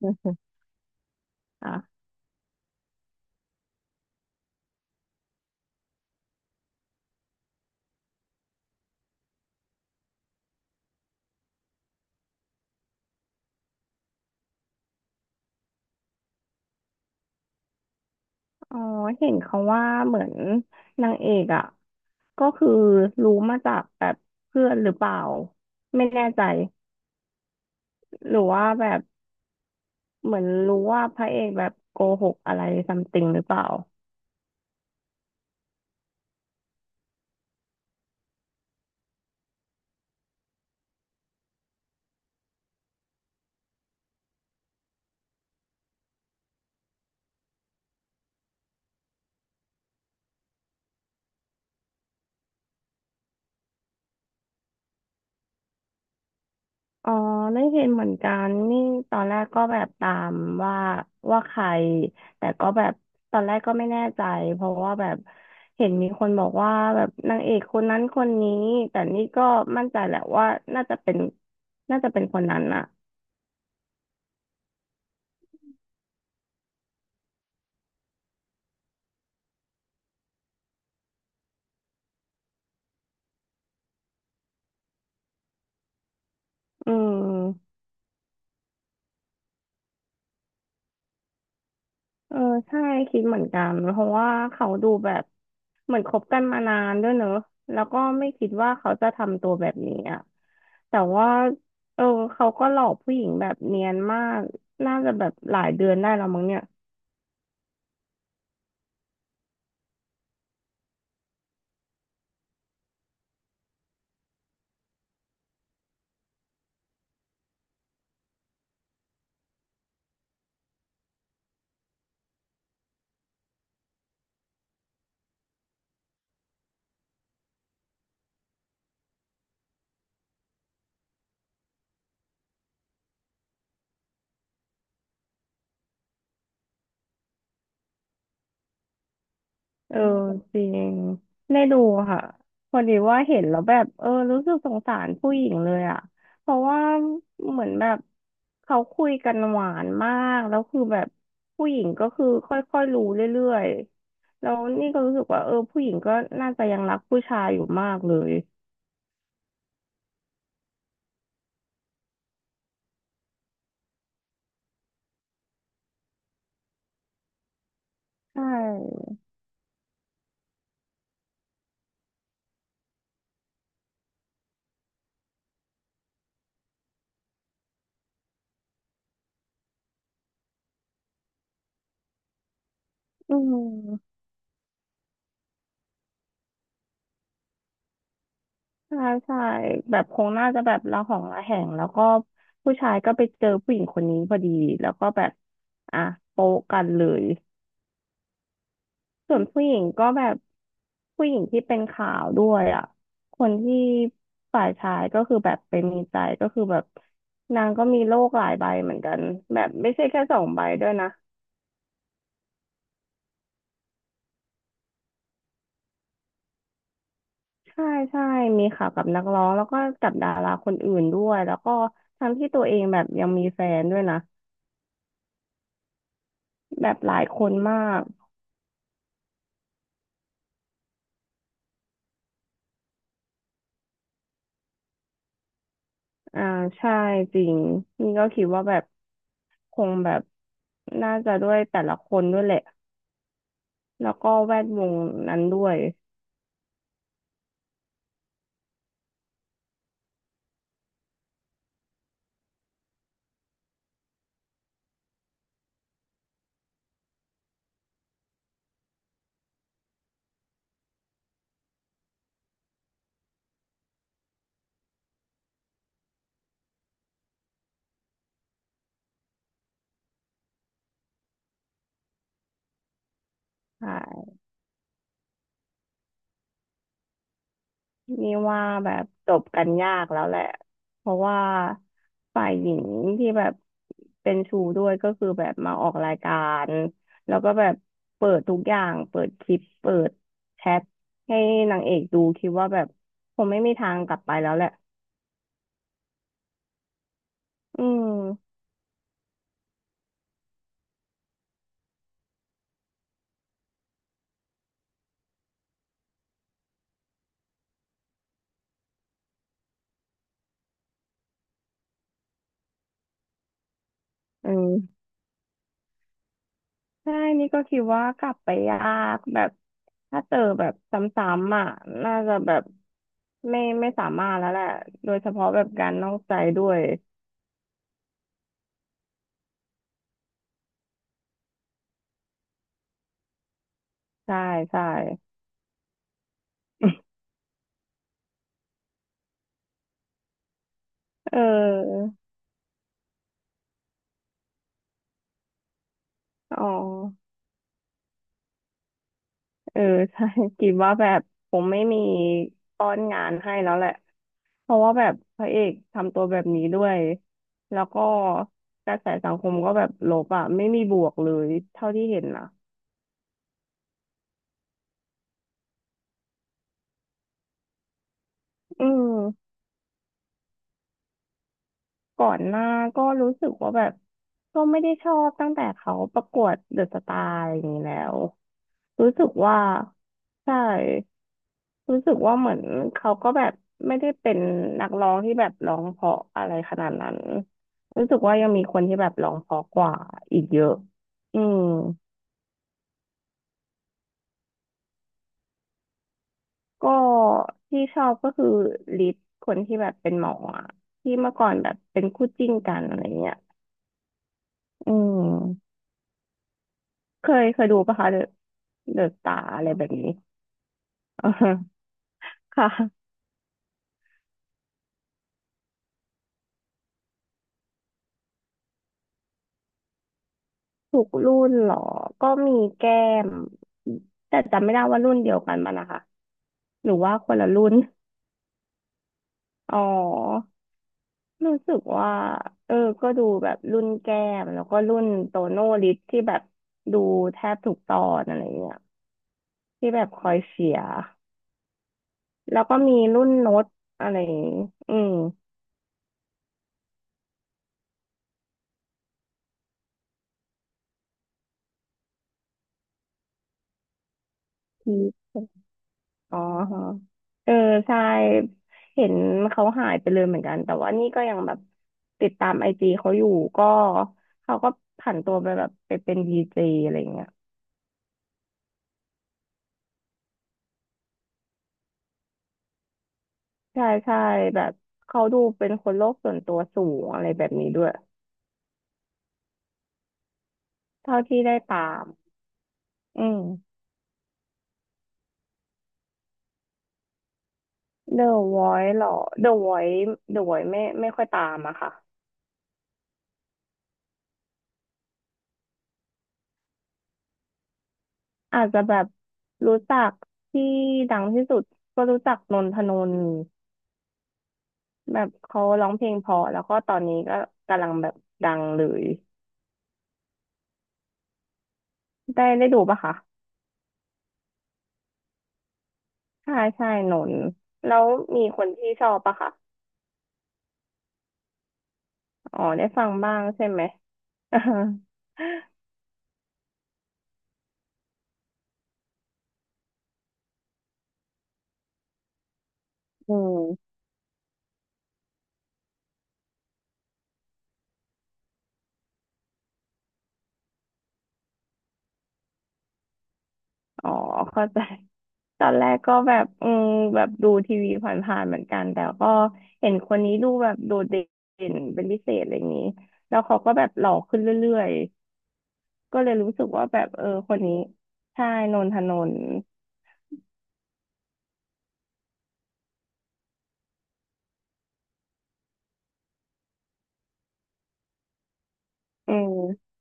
อ่ะอ๋อเห็นเขาว่าเหมือนนางเอกอ่ะก็คือรู้มาจากแบบเพื่อนหรือเปล่าไม่แน่ใจหรือว่าแบบเหมือนรู้ว่าพระเอกแบบโกหกอะไรซัมติงหรือเปล่า อ๋อไม่เห็นเหมือนกันนี่ตอนแรกก็แบบตามว่าว่าใครแต่ก็แบบตอนแรกก็ไม่แน่ใจเพราะว่าแบบเห็นมีคนบอกว่าแบบนางเอกคนนั้นคนนี้แต่นี่ก็มั่นใจแหละว่าน่าจะเป็นน่าจะเป็นคนนั้นอ่ะอืม เออใช่คิดเหมือนกันเพราะว่าเขาดูแบบเหมือนคบกันมานานด้วยเนอะแล้วก็ไม่คิดว่าเขาจะทำตัวแบบนี้อ่ะแต่ว่าเออเขาก็หลอกผู้หญิงแบบเนียนมากน่าจะแบบหลายเดือนได้แล้วมั้งเนี่ย เออจริงได้ดูค่ะพอดีว่าเห็นแล้วแบบเออรู้สึกสงสารผู้หญิงเลยอ่ะเพราะว่าเหมือนแบบเขาคุยกันหวานมากแล้วคือแบบผู้หญิงก็คือค่อยๆรู้เรื่อยๆแล้วนี่ก็รู้สึกว่าเออผู้หญิงก็น่าจะยังรักผู้ชายอยู่มากเลยใช่อืมใช่ใช่แบบคงน่าจะแบบระหองระแหงแล้วก็ผู้ชายก็ไปเจอผู้หญิงคนนี้พอดีแล้วก็แบบอ่ะโป๊ะกันเลย ส่วนผู้หญิงก็แบบผู้หญิงที่เป็นข่าวด้วยอ่ะคนที่ฝ่ายชายก็คือแบบไปมีใจก็คือแบบนางก็มีโรคหลายใบเหมือนกันแบบไม่ใช่แค่สองใบด้วยนะใช่ใช่มีข่าวกับนักร้องแล้วก็กับดาราคนอื่นด้วยแล้วก็ทั้งที่ตัวเองแบบยังมีแฟนด้วยนะแบบหลายคนมากอ่าใช่จริงนี่ก็คิดว่าแบบคงแบบน่าจะด้วยแต่ละคนด้วยแหละแล้วก็แวดวงนั้นด้วยใช่ นี่ว่าแบบจบกันยากแล้วแหละเพราะว่าฝ่ายหญิงที่แบบเป็นชู้ด้วยก็คือแบบมาออกรายการแล้วก็แบบเปิดทุกอย่างเปิดคลิปเปิดแชทให้นางเอกดูคิดว่าแบบคงไม่มีทางกลับไปแล้วแหละอืมอืมใช่นี่ก็คิดว่ากลับไปยากแบบถ้าเจอแบบซ้ำๆอ่ะน่าจะแบบไม่สามารถแล้วแหละโดยเฉพาะแบบการนอกใจด้วยใช่ใช่ เอออ๋อเออ ใช่ กิบว่าแบบผมไม่มีป้อนงานให้แล้วแหละเพราะว่าแบบพระเอกทำตัวแบบนี้ด้วยแล้วก็กระแสสังคมก็แบบลบอ่ะไม่มีบวกเลยเท่าที่เห็นนะอืม ก่อนหน้าก็รู้สึกว่าแบบก็ไม่ได้ชอบตั้งแต่เขาประกวดเดอะสตาร์อะไรอย่างนี้แล้วรู้สึกว่าใช่รู้สึกว่าเหมือนเขาก็แบบไม่ได้เป็นนักร้องที่แบบร้องเพราะอะไรขนาดนั้นรู้สึกว่ายังมีคนที่แบบร้องเพราะกว่าอีกเยอะอืมก็ที่ชอบก็คือลิศคนที่แบบเป็นหมออะที่เมื่อก่อนแบบเป็นคู่จิ้นกันอะไรเงี้ยอืม เคยดูปะคะเดอะเดอะตาอะไรแบบนี้ อ่าฮะค่ะทุกรุ่นเหรอก็มีแก้มแต่จำไม่ได้ว่ารุ่นเดียวกันมันนะคะหรือว่าคนละรุ่นอ๋อรู้สึกว่าเออก็ดูแบบรุ่นแก้มแล้วก็รุ่นโตโน่ลิฟที่แบบดูแทบทุกตอนอะไรเงี้ยที่แบบคอยเชียร์แล้วก็มีรุ่นโน้ตอะไรอย่างงี้อืมพี อ๋อฮะเออใช่เห็นเขาหายไปเลยเหมือนกันแต่ว่านี่ก็ยังแบบติดตามไอจีเขาอยู่ก็เขาก็ผันตัวไปแบบไปเป็นดีเจอะไรเงี้ยใช่ใช่แบบเขาดูเป็นคนโลกส่วนตัวสูงอะไรแบบนี้ด้วยเท่าที่ได้ตามอืม The Voice เหรอ The Voice The Voice ไม่ค่อยตามอะค่ะอาจจะแบบรู้จักที่ดังที่สุดก็รู้จักนนทนนท์ แบบเขาร้องเพลงเพอแล้วก็ตอนนี้ก็กำลังแบบดังเลยได้ดูปะคะใช่ใช่หนนแล้วมีคนที่ชอบปะคะอ๋อได้ฟังบ้างใช่ไหม อืมอ๋อเข้าใจตอนแรกก็แบบอืมแบบดูทีวีผ่านๆเหมือนกันแต่ก็เห็นคนนี้ดูแบบโดดเด่นเป็นพิเศษอะไรอย่างนี้แล้วเขาก็แบบหล่อขึ้นเรื่อยๆก็เลยรู้สึกว่าแบบเออคนนี้ใช่นนทนนท์อืม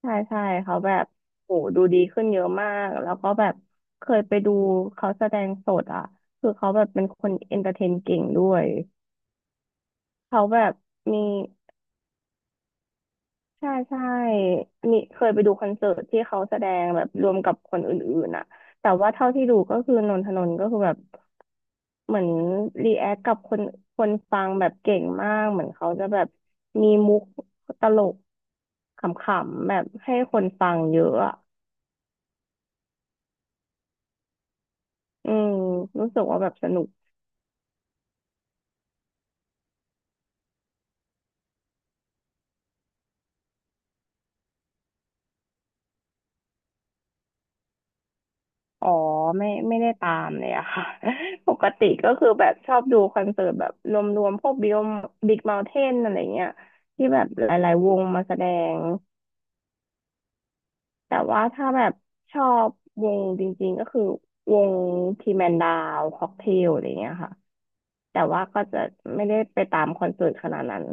ใช่ใช่เขาแบบโหดูดีขึ้นเยอะมากแล้วก็แบบเคยไปดูเขาแสดงสดอ่ะคือเขาแบบเป็นคนเอนเตอร์เทนเก่งด้วยเขาแบบมีใช่ใช่มีเคยไปดูคอนเสิร์ตที่เขาแสดงแบบรวมกับคนอื่นๆอ่ะแต่ว่าเท่าที่ดูก็คือนนทนนท์ก็คือแบบเหมือนรีแอคกับคนฟังแบบเก่งมากเหมือนเขาจะแบบมีมุกตลกขำๆแบบให้คนฟังเยอะอะ อืมรู้สึกว่าแบบสนุกอ๋อไม่ได้ตามเลยอะค่ะ ปกติก็คือแบบชอบดูคอนเสิร์ตแบบรวมๆพวกบิ๊กเมาน์เทนอะไรเงี้ยที่แบบหลายๆวงมาแสดงแต่ว่าถ้าแบบชอบวงจริงๆก็คือวงทีแมนดาวค็อกเทลอะไรเงี้ยค่ะแต่ว่าก็จะไม่ได้ไปตามคอนเสิร์ตขนาดนั้น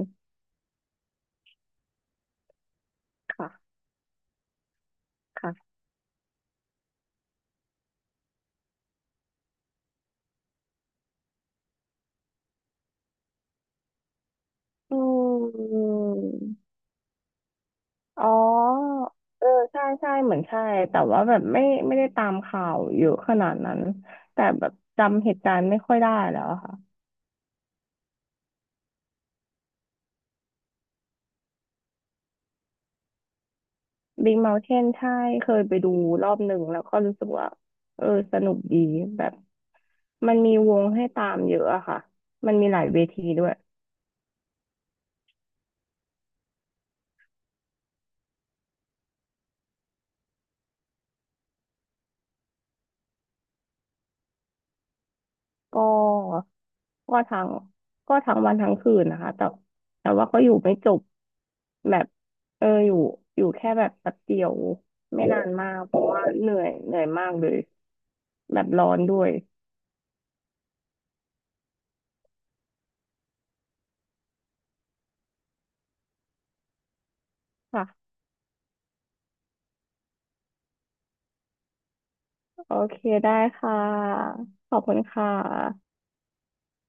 ค่ะค่ะอืม อ๋อ เออ ใช่ใช่เหมือนใช่ แต่ว่าแบบไม่ได้ตามข่าวเยอะขนาดนั้น แต่แบบจำเหตุการณ์ไม่ค่อยได้แล้วอะค่ะ Big Mountain ใช่ เคยไปดูรอบหนึ่งแล้วก็รู้สึกว่า เออสนุกดีแบบมันมีวงให้ตามเยอะอะค่ะ มันมีหลายเวทีด้วยก็ ก็ทั้งก็ทั้งวันทั้งคืนนะคะแต่แต่ว่าก็อยู่ไม่จบแบบเอออยู่แค่แบบแป๊บเดียวไม่นานมากเพราะว่าเหนื่อยมากเลยแบบร้อนด้วยค่ะโอเคได้ค่ะขอบคุณค่ะ